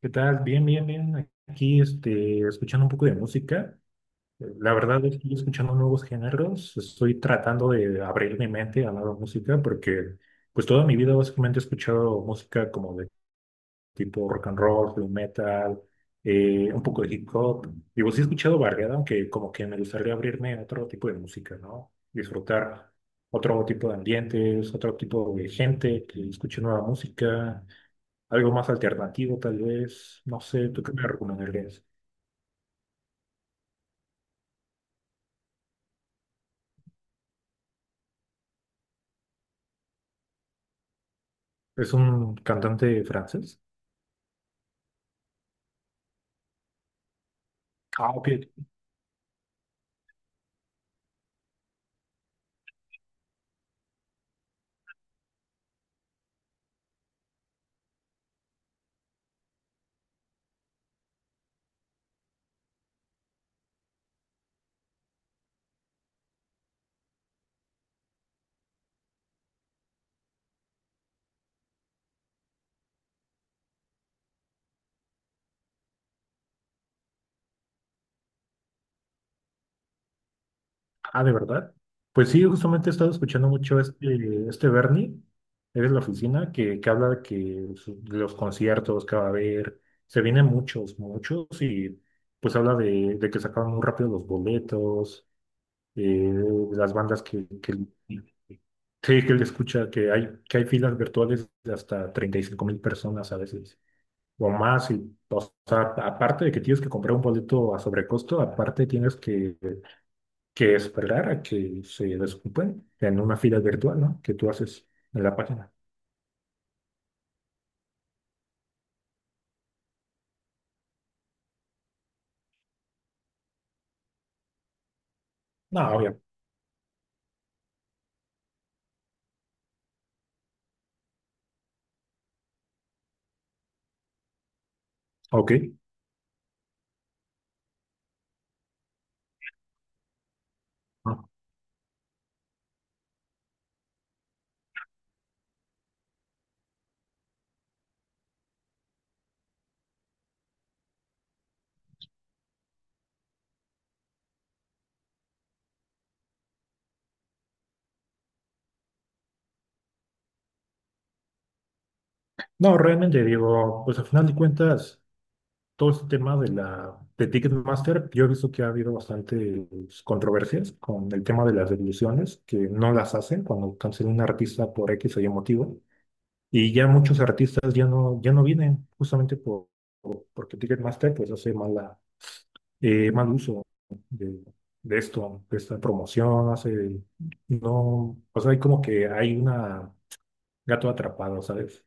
¿Qué tal? Bien, bien, bien. Aquí, este, escuchando un poco de música. La verdad es que estoy escuchando nuevos géneros. Estoy tratando de abrir mi mente a nueva música porque, pues, toda mi vida básicamente he escuchado música como de tipo rock and roll, blue metal, un poco de hip hop. Digo, sí he escuchado variedad, aunque como que me gustaría abrirme a otro tipo de música, ¿no? Disfrutar otro tipo de ambientes, otro tipo de gente que escuche nueva música. Algo más alternativo, tal vez. No sé, ¿tú qué me recomendarías? ¿Es un cantante francés? Ah, ok. Ah, ¿de verdad? Pues sí, justamente he estado escuchando mucho este Bernie, eres la oficina, que habla de que de los conciertos que va a haber, se vienen muchos, muchos, y pues habla de que sacaban muy rápido los boletos, eh, las bandas sí, que él escucha, que hay filas virtuales de hasta 35,000 personas a veces. O más. Y, o sea, aparte de que tienes que comprar un boleto a sobrecosto, aparte tienes que esperar a que se desocupen en una fila virtual, ¿no? Que tú haces en la página. No, obvio. Ok. No, no, realmente digo, pues al final de cuentas, todo este tema de la de Ticketmaster, yo he visto que ha habido bastantes controversias con el tema de las devoluciones, que no las hacen cuando cancelan un artista por X o Y motivo. Y ya muchos artistas ya no, ya no vienen justamente por, porque Ticketmaster pues hace mala, mal uso de, de esto, de esta promoción, hace, no, o sea, hay como que hay una gato atrapado, ¿sabes?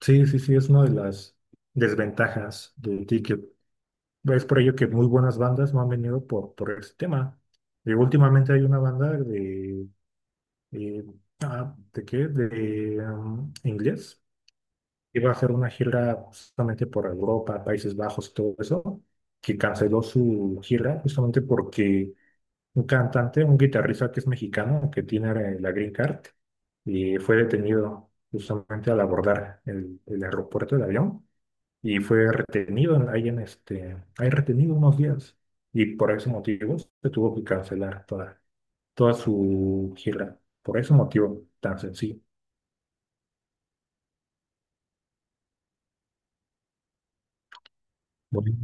Sí, sí, sí, es una de las desventajas del ticket. Es por ello que muy buenas bandas no han venido por este tema. Y últimamente hay una banda de, eh, ah, ¿de qué? De inglés iba a hacer una gira justamente por Europa, Países Bajos y todo eso, que canceló su gira justamente porque un cantante, un guitarrista que es mexicano, que tiene la Green Card, y fue detenido justamente al abordar el aeropuerto del avión y fue retenido ahí en este, ahí retenido unos días y por ese motivo se tuvo que cancelar toda, toda su gira, por ese motivo tan sencillo. Bueno.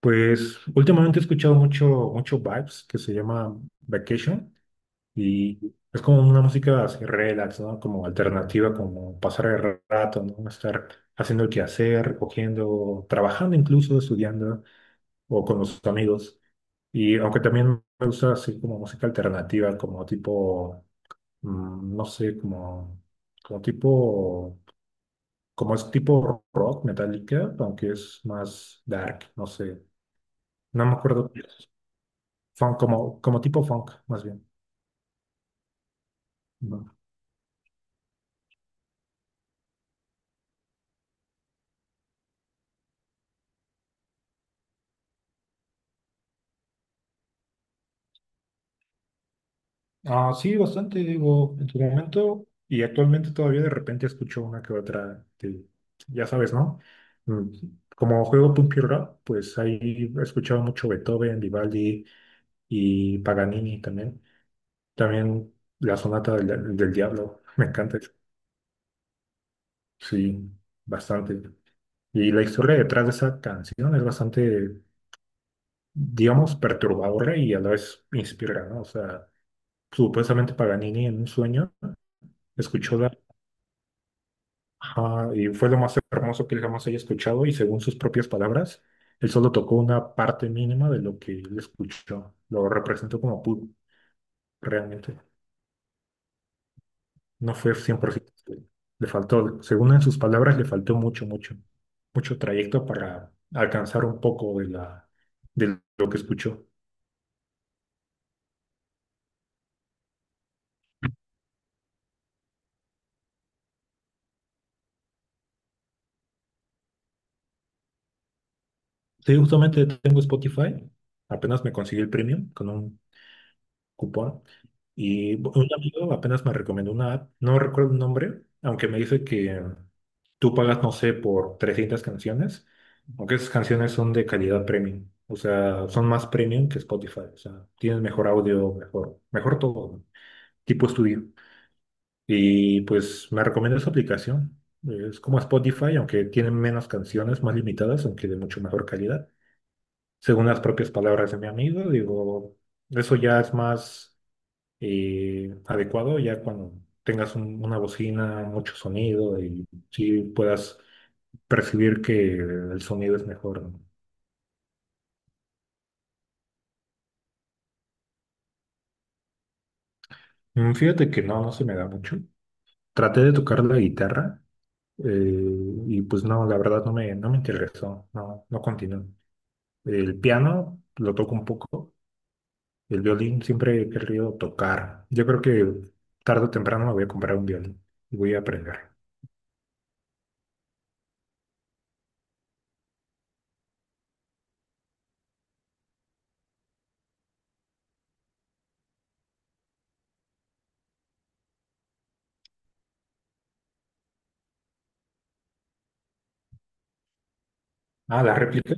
Pues últimamente he escuchado mucho, mucho Vibes que se llama Vacation y es como una música así relax, ¿no? Como alternativa, como pasar el rato, ¿no? Estar haciendo el quehacer, cogiendo, trabajando incluso, estudiando o con los amigos. Y aunque también me gusta así como música alternativa, como tipo, no sé, como, como tipo, como es tipo rock, metálica, aunque es más dark, no sé. No me acuerdo. Funk, como, como tipo funk, más bien. Ujú. Ah, sí, bastante, digo, en su momento y actualmente todavía de repente escucho una que otra, que, ya sabes, ¿no? Mm, Como juego punk y rock, pues ahí he escuchado mucho Beethoven, Vivaldi y Paganini también. También la sonata del diablo, me encanta, sí, bastante. Y la historia detrás de esa canción es bastante, digamos, perturbadora y a la vez inspiradora, ¿no? O sea, supuestamente Paganini en un sueño escuchó la. Ajá, y fue lo más hermoso que él jamás haya escuchado y según sus propias palabras, él solo tocó una parte mínima de lo que él escuchó. Lo representó como pudo, realmente. No fue 100%. Le faltó, según en sus palabras, le faltó mucho, mucho, mucho trayecto para alcanzar un poco de la, de lo que escuchó. Sí, justamente tengo Spotify. Apenas me conseguí el premium con un cupón. Y un amigo apenas me recomendó una app, no recuerdo el nombre, aunque me dice que tú pagas, no sé, por 300 canciones, aunque esas canciones son de calidad premium, o sea, son más premium que Spotify, o sea, tienes mejor audio, mejor, mejor todo, ¿no? Tipo estudio. Y pues me recomienda esa aplicación. Es como Spotify, aunque tiene menos canciones, más limitadas, aunque de mucho mejor calidad. Según las propias palabras de mi amigo, digo, eso ya es más adecuado ya cuando tengas una bocina, mucho sonido y sí puedas percibir que el sonido es mejor. ¿No? Fíjate que no, no se me da mucho. Traté de tocar la guitarra eh, y pues no, la verdad no me interesó, no, no continué. El piano lo toco un poco, el violín siempre he querido tocar. Yo creo que tarde o temprano me voy a comprar un violín y voy a aprender. Ah, la réplica.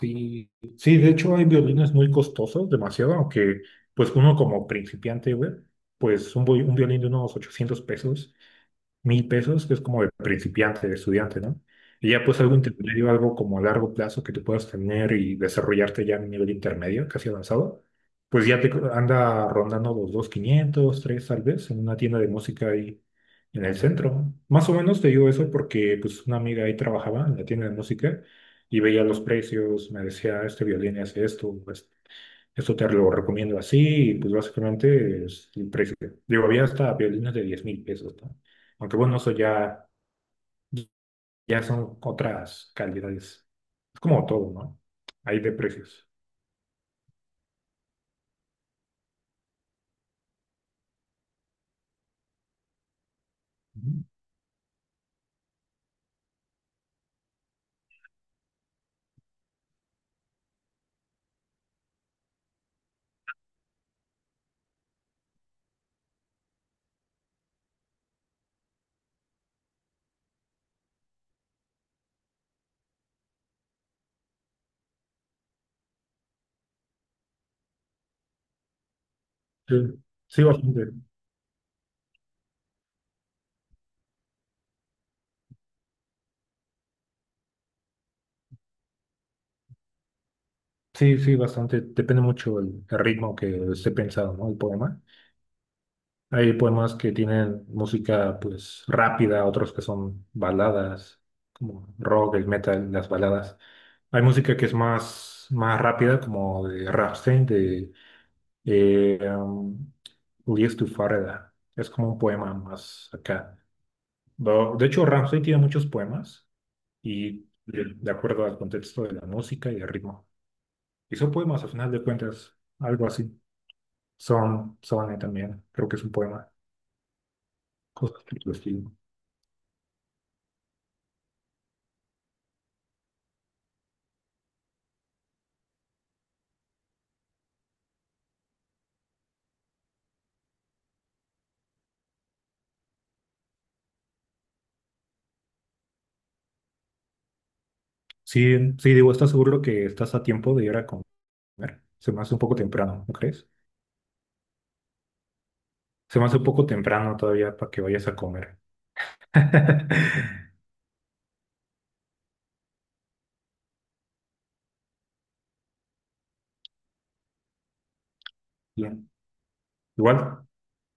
Sí, sí, de hecho hay violines muy costosos, demasiado, aunque pues uno como principiante, güey, pues un, un violín de unos 800 pesos, 1,000 pesos, que es como de principiante, de estudiante, ¿no? Y ya pues algo intermedio, algo como a largo plazo que tú puedas tener y desarrollarte ya a un nivel intermedio, casi avanzado, pues ya anda rondando los 2,500, 3 tal vez, en una tienda de música ahí en el centro. Más o menos te digo eso porque pues una amiga ahí trabajaba en la tienda de música y veía los precios, me decía, este violín hace esto, pues, eso te lo recomiendo así, y pues básicamente es el precio. Digo, había hasta violines de 10,000 pesos, ¿no? Aunque bueno, eso ya, ya son otras calidades. Es como todo, ¿no? Hay de precios. Ujú. Sí, sí, bastante. Sí, sí, bastante. Depende mucho el ritmo que esté pensado, ¿no? El poema. Hay poemas que tienen música, pues, rápida, otros que son baladas, como rock, el metal, las baladas. Hay música que es más, más rápida, como de Rammstein, de eh, um, Lies to Farida. Es como un poema más acá. De hecho, Rammstein tiene muchos poemas y de, acuerdo al contexto de la música y el ritmo. Y son poemas, al final de cuentas, algo así. Son también, creo que es un poema. Cosas por el estilo. Sí, sí, digo, ¿estás seguro que estás a tiempo de ir a comer? Se me hace un poco temprano, ¿no crees? Se me hace un poco temprano todavía para que vayas a comer. Bien. Igual,